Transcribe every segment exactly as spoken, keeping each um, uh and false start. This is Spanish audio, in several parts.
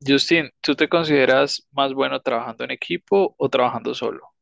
Justin, ¿tú te consideras más bueno trabajando en equipo o trabajando solo?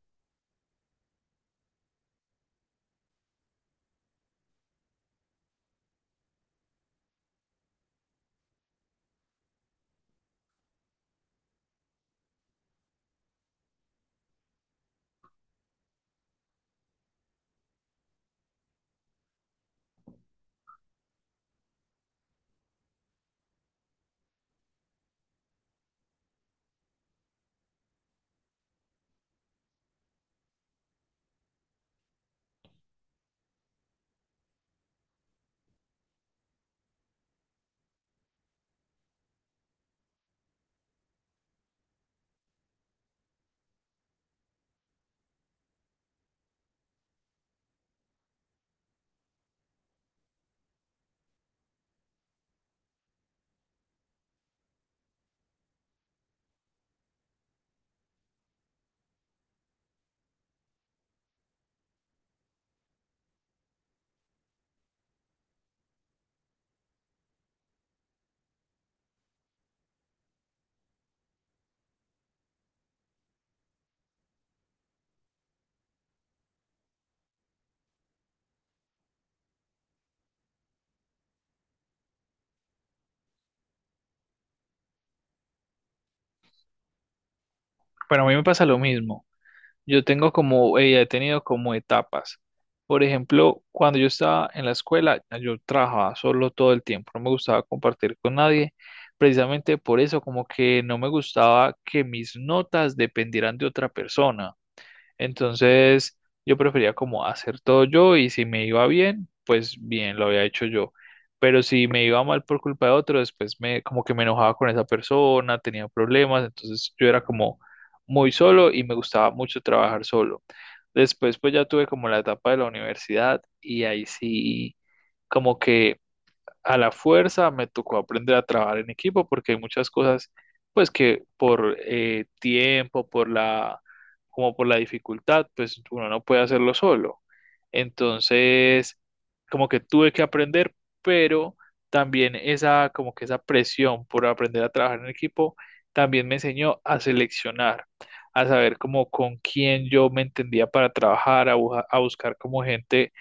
Bueno, a mí me pasa lo mismo. Yo tengo como, eh, he tenido como etapas. Por ejemplo, cuando yo estaba en la escuela, yo trabajaba solo todo el tiempo, no me gustaba compartir con nadie. Precisamente por eso, como que no me gustaba que mis notas dependieran de otra persona. Entonces, yo prefería como hacer todo yo y si me iba bien, pues bien, lo había hecho yo. Pero si me iba mal por culpa de otro, después me como que me enojaba con esa persona, tenía problemas, entonces yo era como muy solo y me gustaba mucho trabajar solo. Después pues ya tuve como la etapa de la universidad y ahí sí como que a la fuerza me tocó aprender a trabajar en equipo porque hay muchas cosas, pues que por eh, tiempo, por la, como por la dificultad, pues uno no puede hacerlo solo. Entonces, como que tuve que aprender, pero también esa, como que esa presión por aprender a trabajar en equipo, también me enseñó a seleccionar, a saber como con quién yo me entendía para trabajar, a, buja- a buscar como gente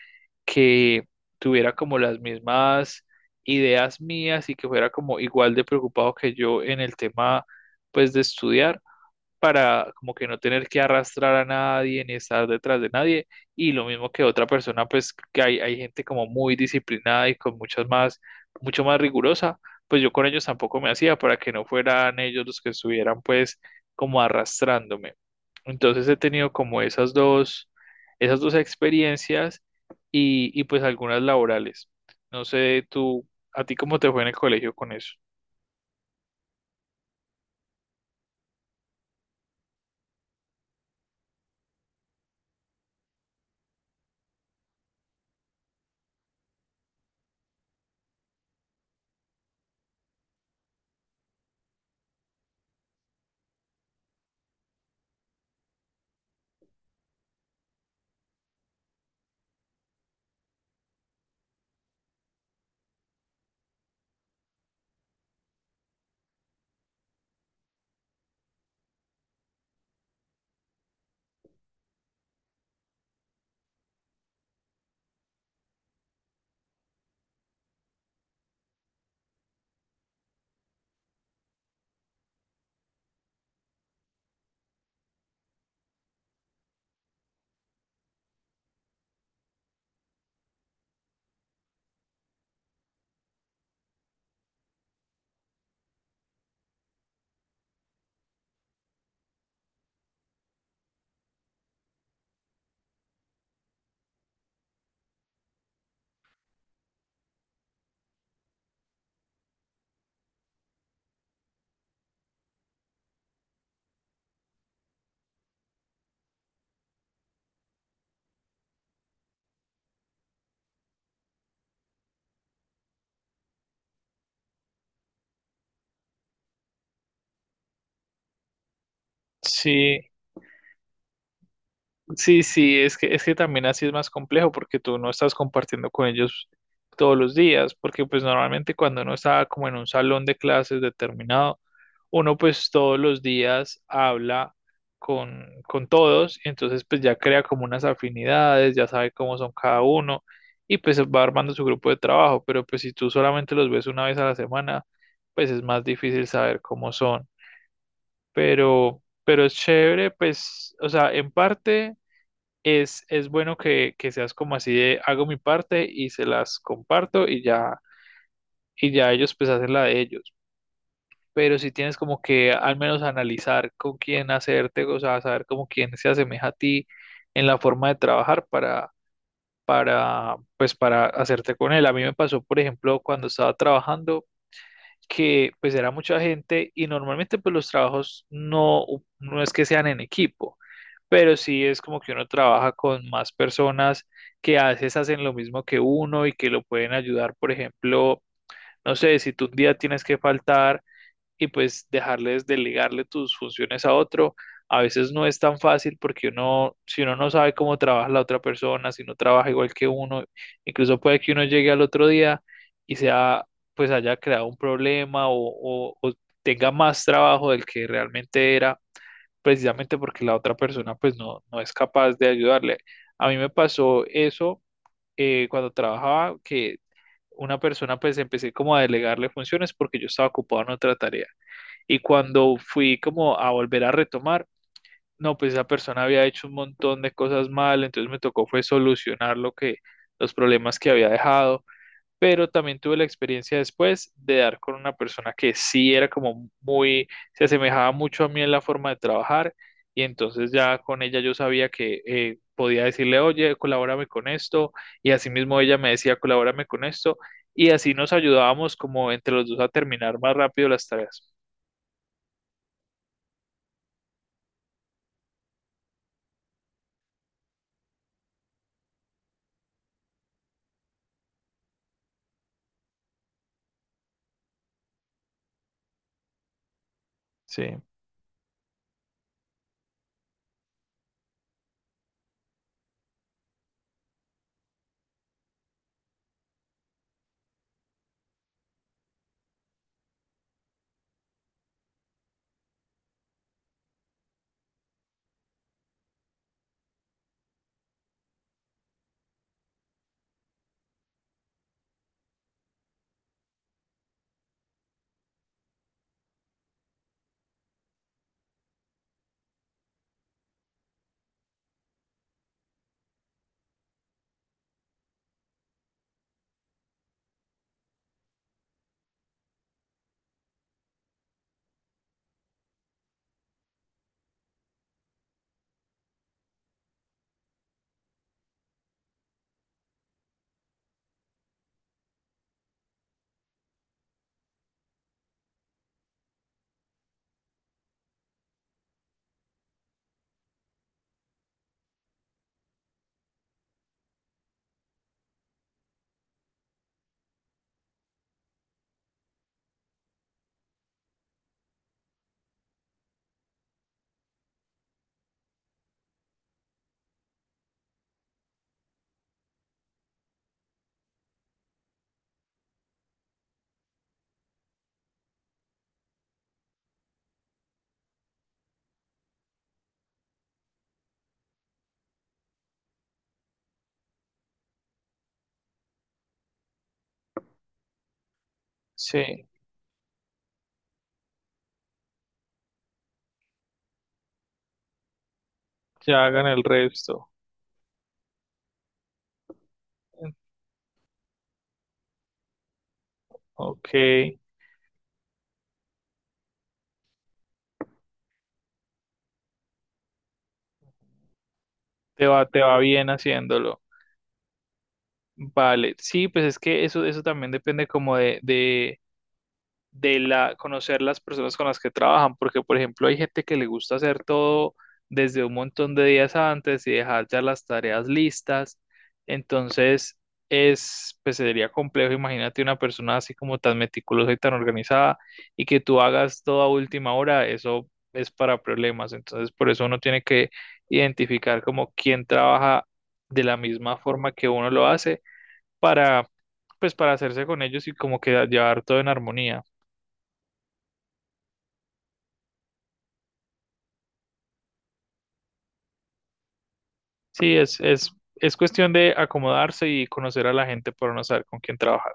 que tuviera como las mismas ideas mías y que fuera como igual de preocupado que yo en el tema pues de estudiar para como que no tener que arrastrar a nadie ni estar detrás de nadie. Y lo mismo que otra persona, pues que hay, hay gente como muy disciplinada y con muchas más, mucho más rigurosa, pues yo con ellos tampoco me hacía para que no fueran ellos los que estuvieran pues como arrastrándome. Entonces he tenido como esas dos, esas dos experiencias y, y pues algunas laborales. No sé, tú, ¿a ti cómo te fue en el colegio con eso? Sí. Sí, sí, es que, es que también así es más complejo porque tú no estás compartiendo con ellos todos los días, porque pues normalmente cuando uno está como en un salón de clases determinado, uno pues todos los días habla con, con todos, y entonces pues ya crea como unas afinidades, ya sabe cómo son cada uno y pues va armando su grupo de trabajo, pero pues si tú solamente los ves una vez a la semana, pues es más difícil saber cómo son, pero, pero es chévere, pues, o sea, en parte es, es bueno que, que seas como así de hago mi parte y se las comparto y ya, y ya ellos pues hacen la de ellos. Pero si tienes como que al menos analizar con quién hacerte, o sea, saber como quién se asemeja a ti en la forma de trabajar para, para, pues para hacerte con él. A mí me pasó, por ejemplo, cuando estaba trabajando que pues era mucha gente y normalmente pues los trabajos no, no es que sean en equipo, pero sí es como que uno trabaja con más personas que a veces hacen lo mismo que uno y que lo pueden ayudar, por ejemplo, no sé, si tú un día tienes que faltar y pues dejarles, delegarle tus funciones a otro. A veces no es tan fácil porque uno, si uno no sabe cómo trabaja la otra persona, si no trabaja igual que uno, incluso puede que uno llegue al otro día y sea, pues haya creado un problema o, o, o tenga más trabajo del que realmente era, precisamente porque la otra persona pues no, no es capaz de ayudarle. A mí me pasó eso eh, cuando trabajaba, que una persona pues empecé como a delegarle funciones porque yo estaba ocupado en otra tarea. Y cuando fui como a volver a retomar, no, pues esa persona había hecho un montón de cosas mal, entonces me tocó fue solucionar lo que, los problemas que había dejado, pero también tuve la experiencia después de dar con una persona que sí era como muy, se asemejaba mucho a mí en la forma de trabajar, y entonces ya con ella yo sabía que eh, podía decirle, oye, colabórame con esto, y asimismo ella me decía, colabórame con esto, y así nos ayudábamos como entre los dos a terminar más rápido las tareas. Sí. Sí, ya hagan el resto. Ok, te va, te va bien haciéndolo. Vale, sí, pues es que eso, eso también depende como de, de la, conocer las personas con las que trabajan, porque por ejemplo hay gente que le gusta hacer todo desde un montón de días antes y dejar ya las tareas listas, entonces es, pues sería complejo, imagínate una persona así como tan meticulosa y tan organizada y que tú hagas todo a última hora, eso es para problemas, entonces por eso uno tiene que identificar como quién trabaja de la misma forma que uno lo hace para, pues para hacerse con ellos y como que llevar todo en armonía. Sí, es, es, es cuestión de acomodarse y conocer a la gente para no saber con quién trabajar.